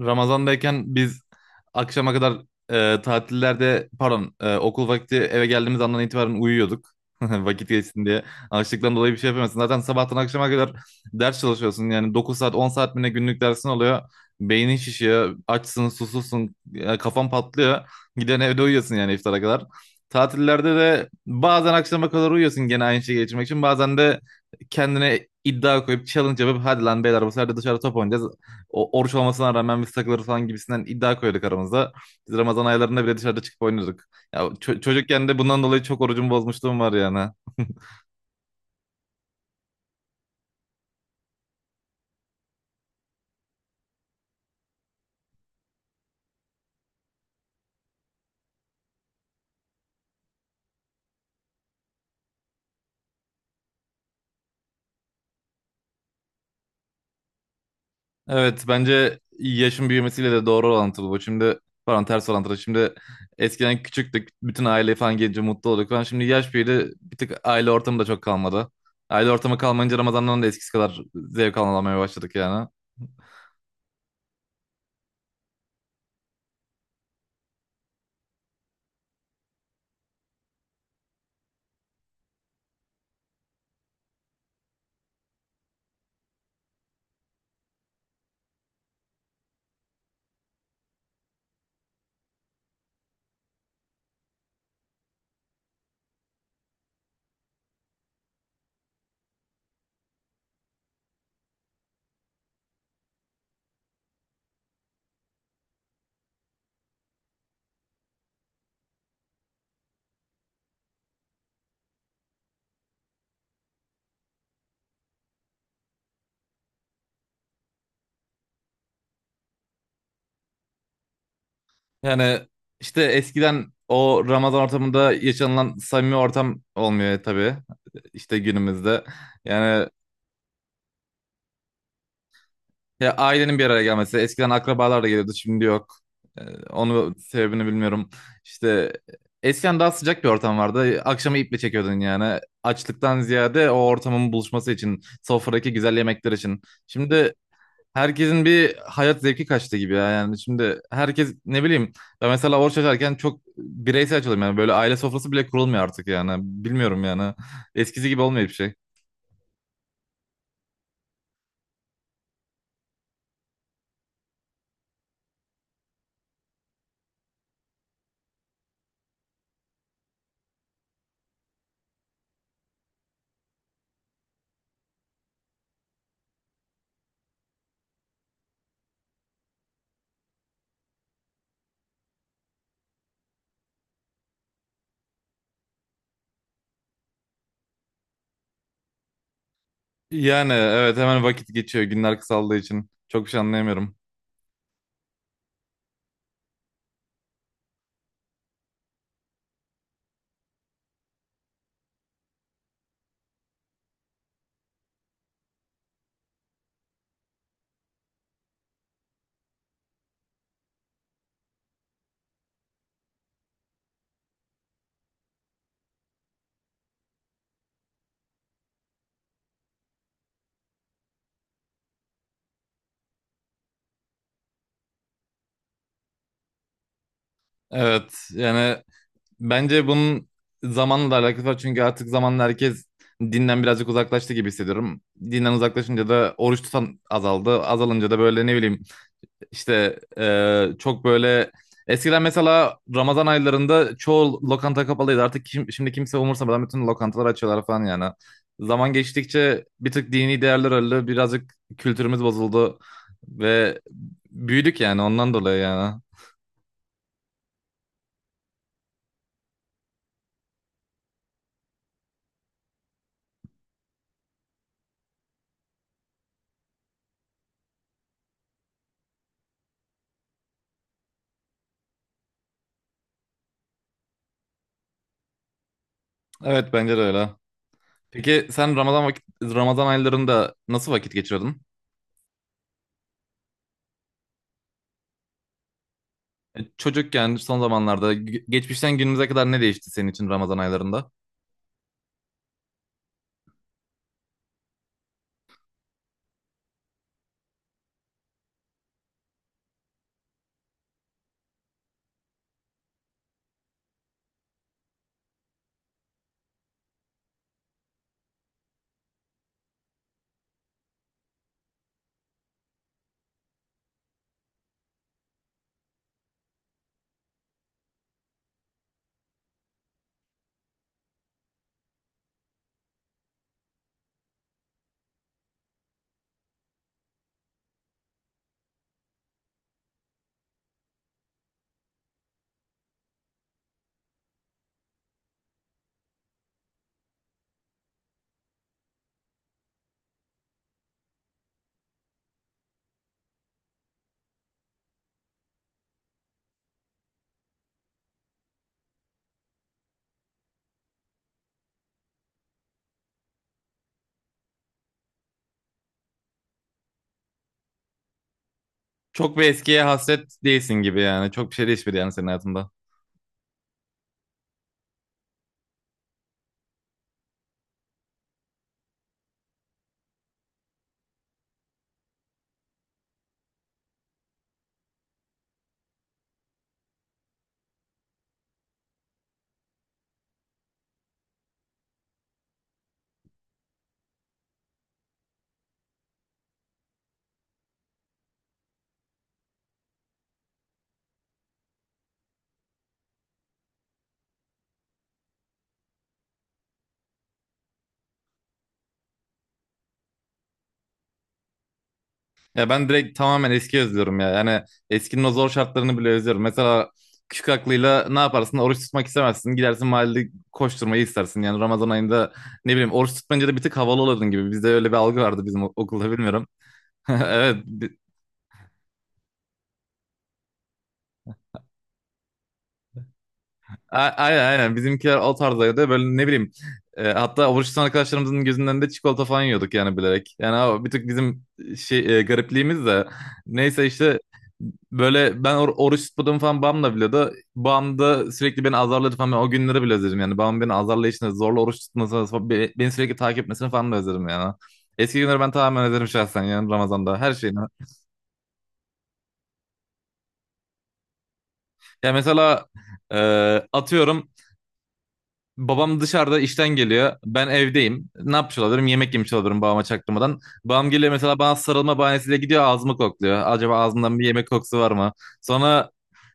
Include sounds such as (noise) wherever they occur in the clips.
Ramazan'dayken biz akşama kadar okul vakti eve geldiğimiz andan itibaren uyuyorduk. (laughs) Vakit geçsin diye. Açlıktan dolayı bir şey yapamıyorsun. Zaten sabahtan akşama kadar ders çalışıyorsun. Yani 9 saat 10 saat mi ne günlük dersin oluyor. Beynin şişiyor. Açsın susuzsun. Kafan patlıyor. Giden evde uyuyorsun yani iftara kadar. Tatillerde de bazen akşama kadar uyuyorsun gene aynı şeyi geçirmek için. Bazen de kendine iddia koyup challenge yapıp hadi lan beyler bu sefer de dışarı top oynayacağız oruç olmasına rağmen biz takılırız falan gibisinden iddia koyduk aramızda. Biz Ramazan aylarında bile dışarıda çıkıp oynuyorduk. Ya çocukken de bundan dolayı çok orucumu bozmuşluğum var yani. (laughs) Evet, bence yaşın büyümesiyle de doğru orantılı bu. Şimdi, pardon, ters orantılı. Şimdi eskiden küçüktük. Bütün aile falan gelince mutlu olduk falan. Şimdi yaş büyüdü. Bir tık aile ortamı da çok kalmadı. Aile ortamı kalmayınca Ramazan'dan da eskisi kadar zevk alamamaya başladık yani. Yani işte eskiden o Ramazan ortamında yaşanılan samimi ortam olmuyor tabii. İşte günümüzde. Yani ya ailenin bir araya gelmesi. Eskiden akrabalar da geliyordu, şimdi yok. Ee, Onu sebebini bilmiyorum. İşte eskiden daha sıcak bir ortam vardı. Akşamı iple çekiyordun yani. Açlıktan ziyade o ortamın buluşması için, sofradaki güzel yemekler için. Şimdi herkesin bir hayat zevki kaçtı gibi ya, yani şimdi herkes ne bileyim ben mesela oruç açarken çok bireysel açıyorum yani, böyle aile sofrası bile kurulmuyor artık yani, bilmiyorum yani eskisi gibi olmuyor bir şey. Yani evet, hemen vakit geçiyor günler kısaldığı için çok bir şey anlayamıyorum. Evet yani bence bunun zamanla da alakası var, çünkü artık zamanla herkes dinden birazcık uzaklaştı gibi hissediyorum. Dinden uzaklaşınca da oruç tutan azaldı. Azalınca da böyle ne bileyim çok böyle eskiden mesela Ramazan aylarında çoğu lokanta kapalıydı. Artık şimdi kimse umursamadan bütün lokantalar açıyorlar falan yani. Zaman geçtikçe bir tık dini değerler öldü. Birazcık kültürümüz bozuldu ve büyüdük yani, ondan dolayı yani. Evet, bence de öyle. Peki sen Ramazan Ramazan aylarında nasıl vakit geçiriyordun? Çocukken, son zamanlarda, geçmişten günümüze kadar ne değişti senin için Ramazan aylarında? Çok bir eskiye hasret değilsin gibi yani. Çok bir şey değişmedi yani senin hayatında. Ya ben direkt tamamen eski özlüyorum ya. Yani eskinin o zor şartlarını bile özlüyorum. Mesela küçük aklıyla ne yaparsın? Oruç tutmak istemezsin. Gidersin mahallede koşturmayı istersin. Yani Ramazan ayında ne bileyim oruç tutmayınca da bir tık havalı olurdun gibi. Bizde öyle bir algı vardı, bizim okulda bilmiyorum. (laughs) Evet. Aynen aynen bizimkiler o tarzdaydı, böyle ne bileyim, hatta oruç tutan arkadaşlarımızın gözünden de çikolata falan yiyorduk yani bilerek. Yani o bir tık bizim garipliğimiz de. Neyse işte böyle ben oruç tutmadığımı falan babam da biliyordu. Babam da sürekli beni azarladı falan, ben o günleri bile özledim yani, babam beni azarlayışını, zorla oruç tutmasını falan, beni sürekli takip etmesini falan da özledim yani. Eski günleri ben tamamen özledim şahsen, yani Ramazan'da her şeyini. Ya mesela, e, atıyorum, babam dışarıda işten geliyor. Ben evdeyim. Ne yapmış olabilirim? Yemek yemiş olabilirim babama çaktırmadan. Babam geliyor mesela bana sarılma bahanesiyle, gidiyor ağzımı kokluyor. Acaba ağzımdan bir yemek kokusu var mı? Sonra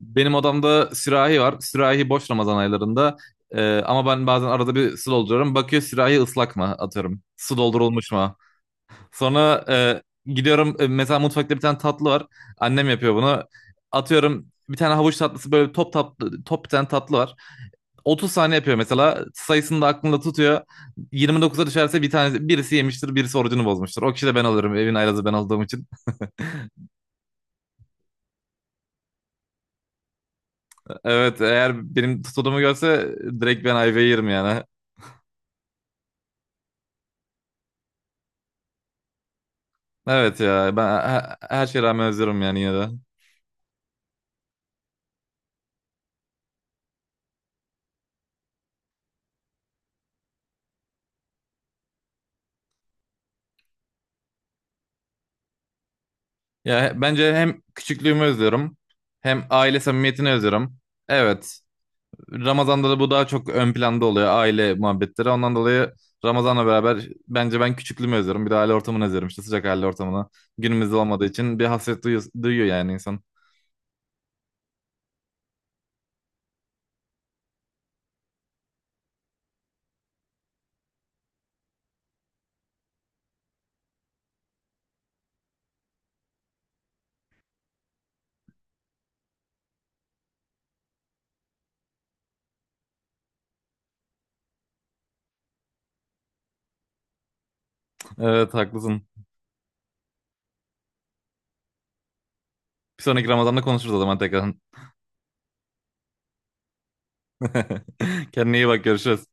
benim odamda sürahi var. Sürahi boş Ramazan aylarında. Ama ben bazen arada bir su dolduruyorum. Bakıyor sürahi ıslak mı, atıyorum. Su doldurulmuş mu? Sonra gidiyorum, mesela mutfakta bir tane tatlı var. Annem yapıyor bunu. Atıyorum bir tane havuç tatlısı, böyle top tatlı, top bir tane tatlı var. 30 saniye yapıyor mesela. Sayısını da aklında tutuyor. 29'a düşerse bir tanesi, birisi yemiştir, birisi orucunu bozmuştur. O kişi de ben alırım. Evin aylazı ben olduğum için. Evet, eğer benim tutulduğumu görse direkt ben ayvayı yerim yani. Evet ya, ben her şeye rağmen özlüyorum yani yine de. Ya bence hem küçüklüğümü özlüyorum, hem aile samimiyetini özlüyorum. Evet. Ramazan'da da bu daha çok ön planda oluyor, aile muhabbetleri. Ondan dolayı Ramazan'la beraber bence ben küçüklüğümü özlüyorum. Bir de aile ortamını özlüyorum, işte sıcak aile ortamını. Günümüzde olmadığı için bir hasret duyuyor, duyuyor yani insan. Evet haklısın. Bir sonraki Ramazan'da konuşuruz o zaman tekrar. (laughs) Kendine iyi bak, görüşürüz.